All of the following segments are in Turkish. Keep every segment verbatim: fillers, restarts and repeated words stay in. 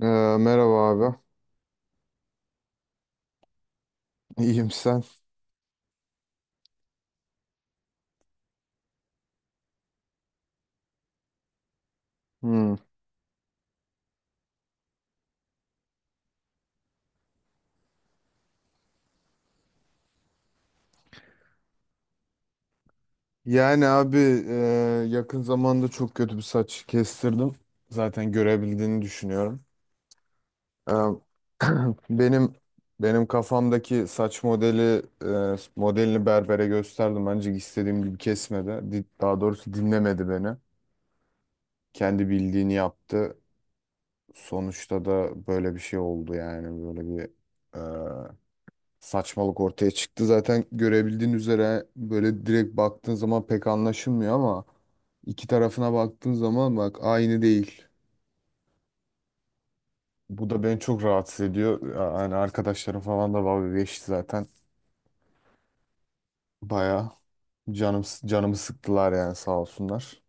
Ee, merhaba abi. İyiyim sen. Hmm. Yani abi e, yakın zamanda çok kötü bir saç kestirdim. Zaten görebildiğini düşünüyorum. Ee, benim benim kafamdaki saç modeli e, modelini berbere gösterdim. Ancak istediğim gibi kesmedi. Di- Daha doğrusu dinlemedi beni. Kendi bildiğini yaptı. Sonuçta da böyle bir şey oldu, yani böyle bir e, saçmalık ortaya çıktı. Zaten görebildiğin üzere böyle direkt baktığın zaman pek anlaşılmıyor, ama iki tarafına baktığın zaman bak aynı değil. Bu da beni çok rahatsız ediyor. Yani arkadaşlarım falan da dalga geçti zaten. Baya canım canımı sıktılar yani, sağ olsunlar.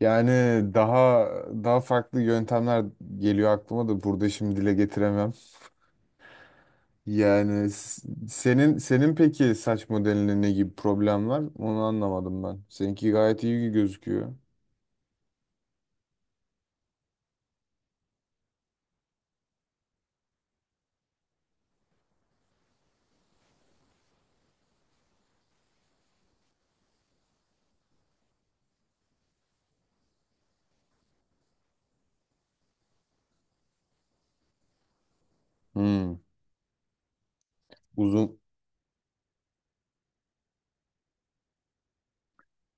Yani daha daha farklı yöntemler geliyor aklıma da burada şimdi dile getiremem. Yani s- senin senin peki saç modelinde ne gibi problem var? Onu anlamadım ben. Seninki gayet iyi gözüküyor. Hmm, uzun.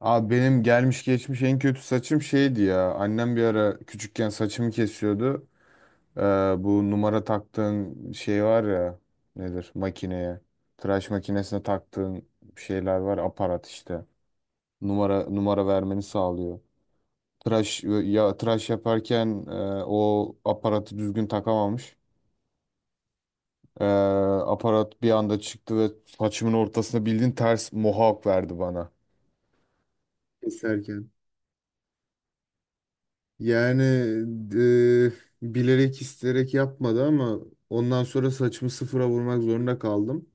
Abi benim gelmiş geçmiş en kötü saçım şeydi ya. Annem bir ara küçükken saçımı kesiyordu. Ee, bu numara taktığın şey var ya. Nedir? Makineye. Tıraş makinesine taktığın şeyler var. Aparat işte. Numara numara vermeni sağlıyor. Tıraş ya tıraş yaparken e, o aparatı düzgün takamamış. Ee, aparat bir anda çıktı ve saçımın ortasına bildiğin ters mohawk verdi bana keserken. Yani e, bilerek isteyerek yapmadı, ama ondan sonra saçımı sıfıra vurmak zorunda kaldım.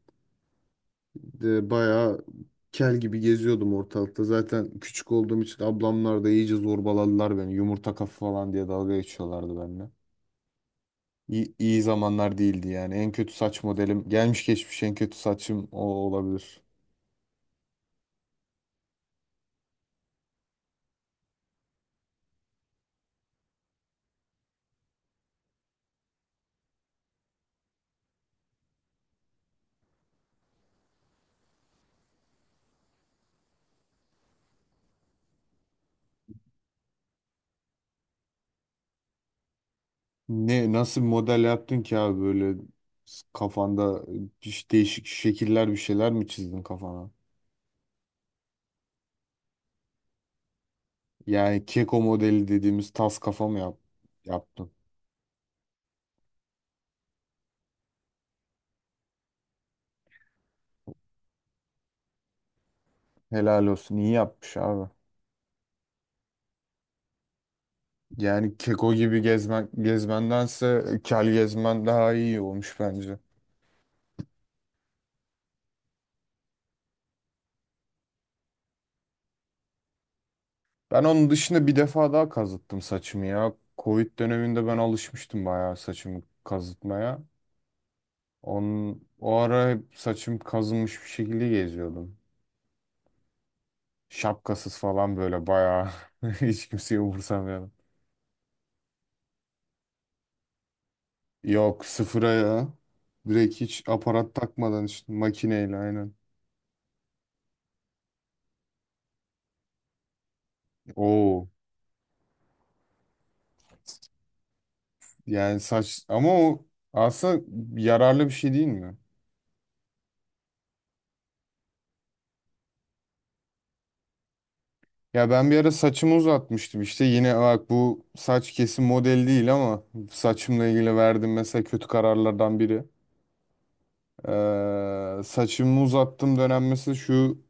E, bayağı kel gibi geziyordum ortalıkta. Zaten küçük olduğum için ablamlar da iyice zorbaladılar beni. Yumurta kafa falan diye dalga geçiyorlardı benimle. İyi, iyi zamanlar değildi yani. En kötü saç modelim, gelmiş geçmiş en kötü saçım o olabilir. Ne nasıl bir model yaptın ki abi, böyle kafanda bir- değişik şekiller, bir şeyler mi çizdin kafana? Yani keko modeli dediğimiz tas kafa mı yap, yaptın? Helal olsun, iyi yapmış abi. Yani keko gibi gezmen, gezmendense e, kel gezmen daha iyi olmuş bence. Ben onun dışında bir defa daha kazıttım saçımı ya. Covid döneminde ben alışmıştım bayağı saçımı kazıtmaya. Onun, o ara hep saçım kazınmış bir şekilde geziyordum. Şapkasız falan böyle bayağı hiç kimseyi umursamayan. Yok, sıfıra ya. Direkt hiç aparat takmadan işte makineyle, aynen. Oo. Yani saç ama o aslında yararlı bir şey değil mi? Ya ben bir ara saçımı uzatmıştım işte, yine bak bu saç kesim model değil ama saçımla ilgili verdiğim mesela kötü kararlardan biri. Ee, saçımı uzattım dönem mesela şu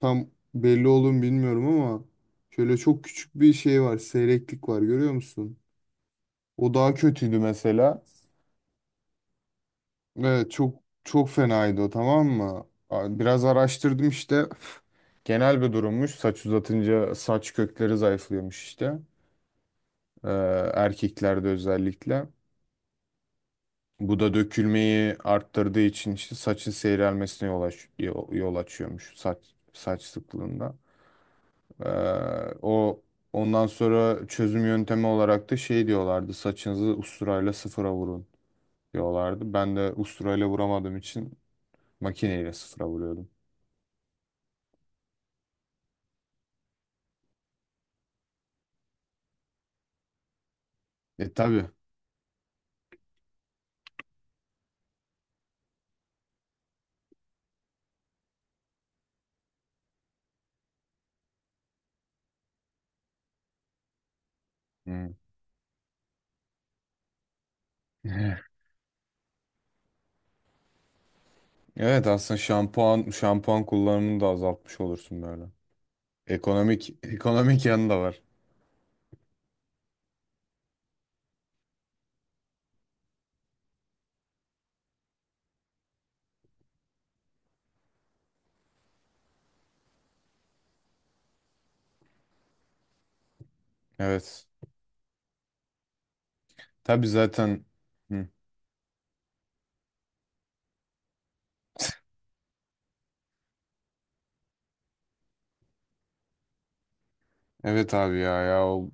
tam belli olur mu bilmiyorum ama şöyle çok küçük bir şey var. Seyreklik var, görüyor musun? O daha kötüydü mesela. Evet, çok çok fenaydı o, tamam mı? A- Biraz araştırdım işte. Genel bir durummuş. Saç uzatınca saç kökleri zayıflıyormuş işte. Ee, erkeklerde özellikle. Bu da dökülmeyi arttırdığı için işte saçın seyrelmesine yol, aç yol yol açıyormuş saç saç sıklığında. Ee, o ondan sonra çözüm yöntemi olarak da şey diyorlardı. Saçınızı usturayla sıfıra vurun diyorlardı. Ben de usturayla vuramadığım için makineyle sıfıra vuruyordum. E tabii. Hmm. Evet, aslında şampuan şampuan kullanımını da azaltmış olursun böyle. Ekonomik ekonomik yanı da var. Evet. Tabii zaten. Hı. Evet abi, ya ya o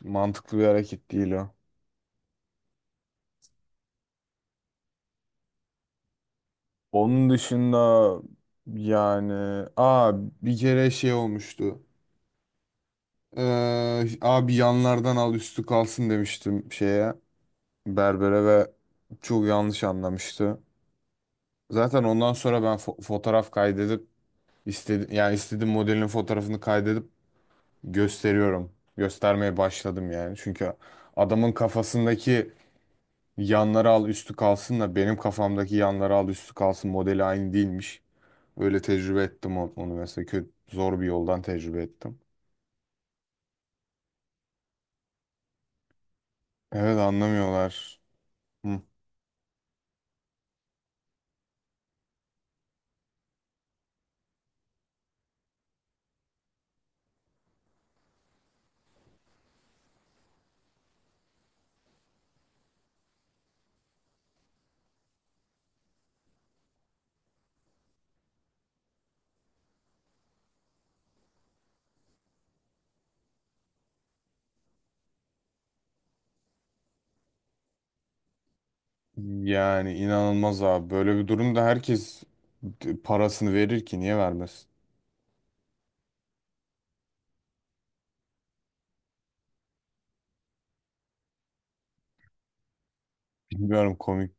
mantıklı bir hareket değil o. Onun dışında yani, aa, bir kere şey olmuştu. Ee, abi yanlardan al üstü kalsın demiştim şeye, berbere, ve çok yanlış anlamıştı. Zaten ondan sonra ben fo- fotoğraf kaydedip istedi, yani istediğim modelin fotoğrafını kaydedip gösteriyorum. Göstermeye başladım yani. Çünkü adamın kafasındaki yanları al üstü kalsınla benim kafamdaki yanları al üstü kalsın modeli aynı değilmiş. Öyle tecrübe ettim on- onu, mesela kötü zor bir yoldan tecrübe ettim. Evet, anlamıyorlar. Yani inanılmaz abi. Böyle bir durumda herkes parasını verir ki, niye vermez? Bilmiyorum, komik.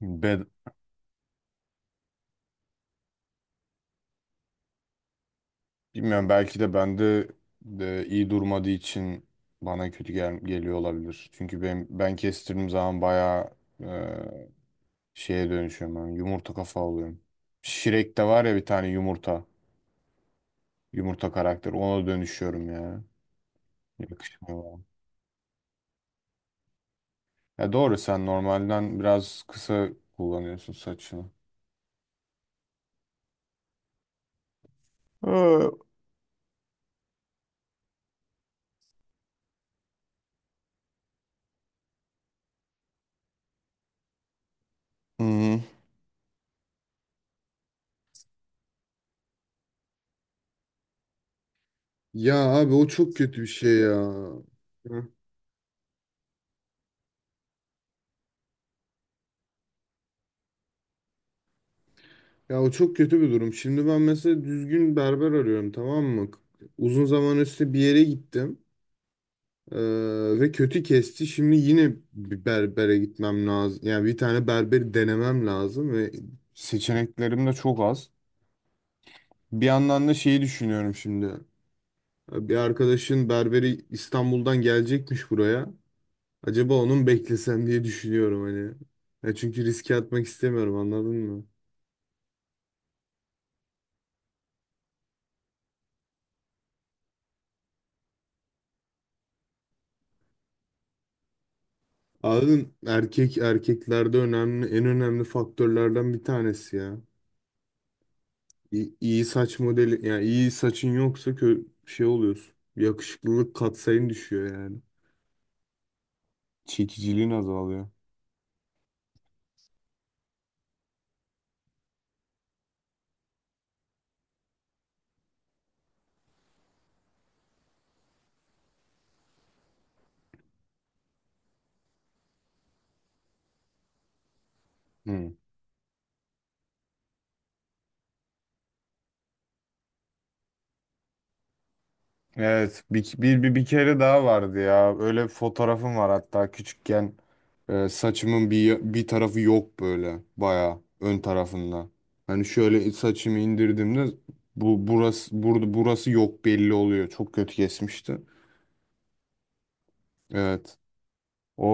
Bed Bilmiyorum, belki de bende de iyi durmadığı için bana kötü gel geliyor olabilir. Çünkü ben, ben kestirdiğim zaman bayağı e, şeye dönüşüyorum. Ben, yumurta kafa oluyorum. Shrek'te var ya bir tane yumurta. Yumurta karakter. Ona dönüşüyorum ya. Yakışmıyor bana. Ya doğru, sen normalden biraz kısa kullanıyorsun saçını. Ee, Hı hı. Ya abi, o çok kötü bir şey ya. Hı. Ya o çok kötü bir durum. Şimdi ben mesela düzgün berber arıyorum, tamam mı? Uzun zaman üstü bir yere gittim. Ee, ve kötü kesti. Şimdi yine bir berbere gitmem lazım. Yani bir tane berberi denemem lazım ve seçeneklerim de çok az. Bir yandan da şeyi düşünüyorum şimdi. Bir arkadaşın berberi İstanbul'dan gelecekmiş buraya. Acaba onun beklesem diye düşünüyorum hani. Ya çünkü riske atmak istemiyorum, anladın mı? Abi erkek, erkeklerde önemli, en önemli faktörlerden bir tanesi ya. İyi, iyi saç modeli, yani iyi saçın yoksa kö şey oluyorsun. Yakışıklılık katsayın düşüyor yani. Çekiciliğin azalıyor. Hmm. Evet, bir, bir, bir, bir kere daha vardı ya, öyle bir fotoğrafım var hatta. Küçükken e, saçımın bir, bir tarafı yok, böyle baya ön tarafında. Hani şöyle saçımı indirdiğimde bu burası burada burası yok, belli oluyor, çok kötü kesmişti. Evet. O,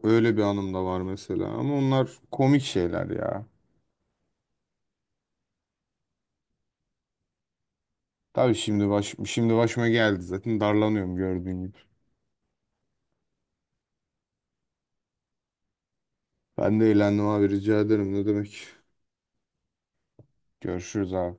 o öyle bir anım da var mesela. Ama onlar komik şeyler ya. Tabii şimdi baş, şimdi başıma geldi zaten, darlanıyorum gördüğün gibi. Ben de eğlendim abi, rica ederim, ne demek. Görüşürüz abi.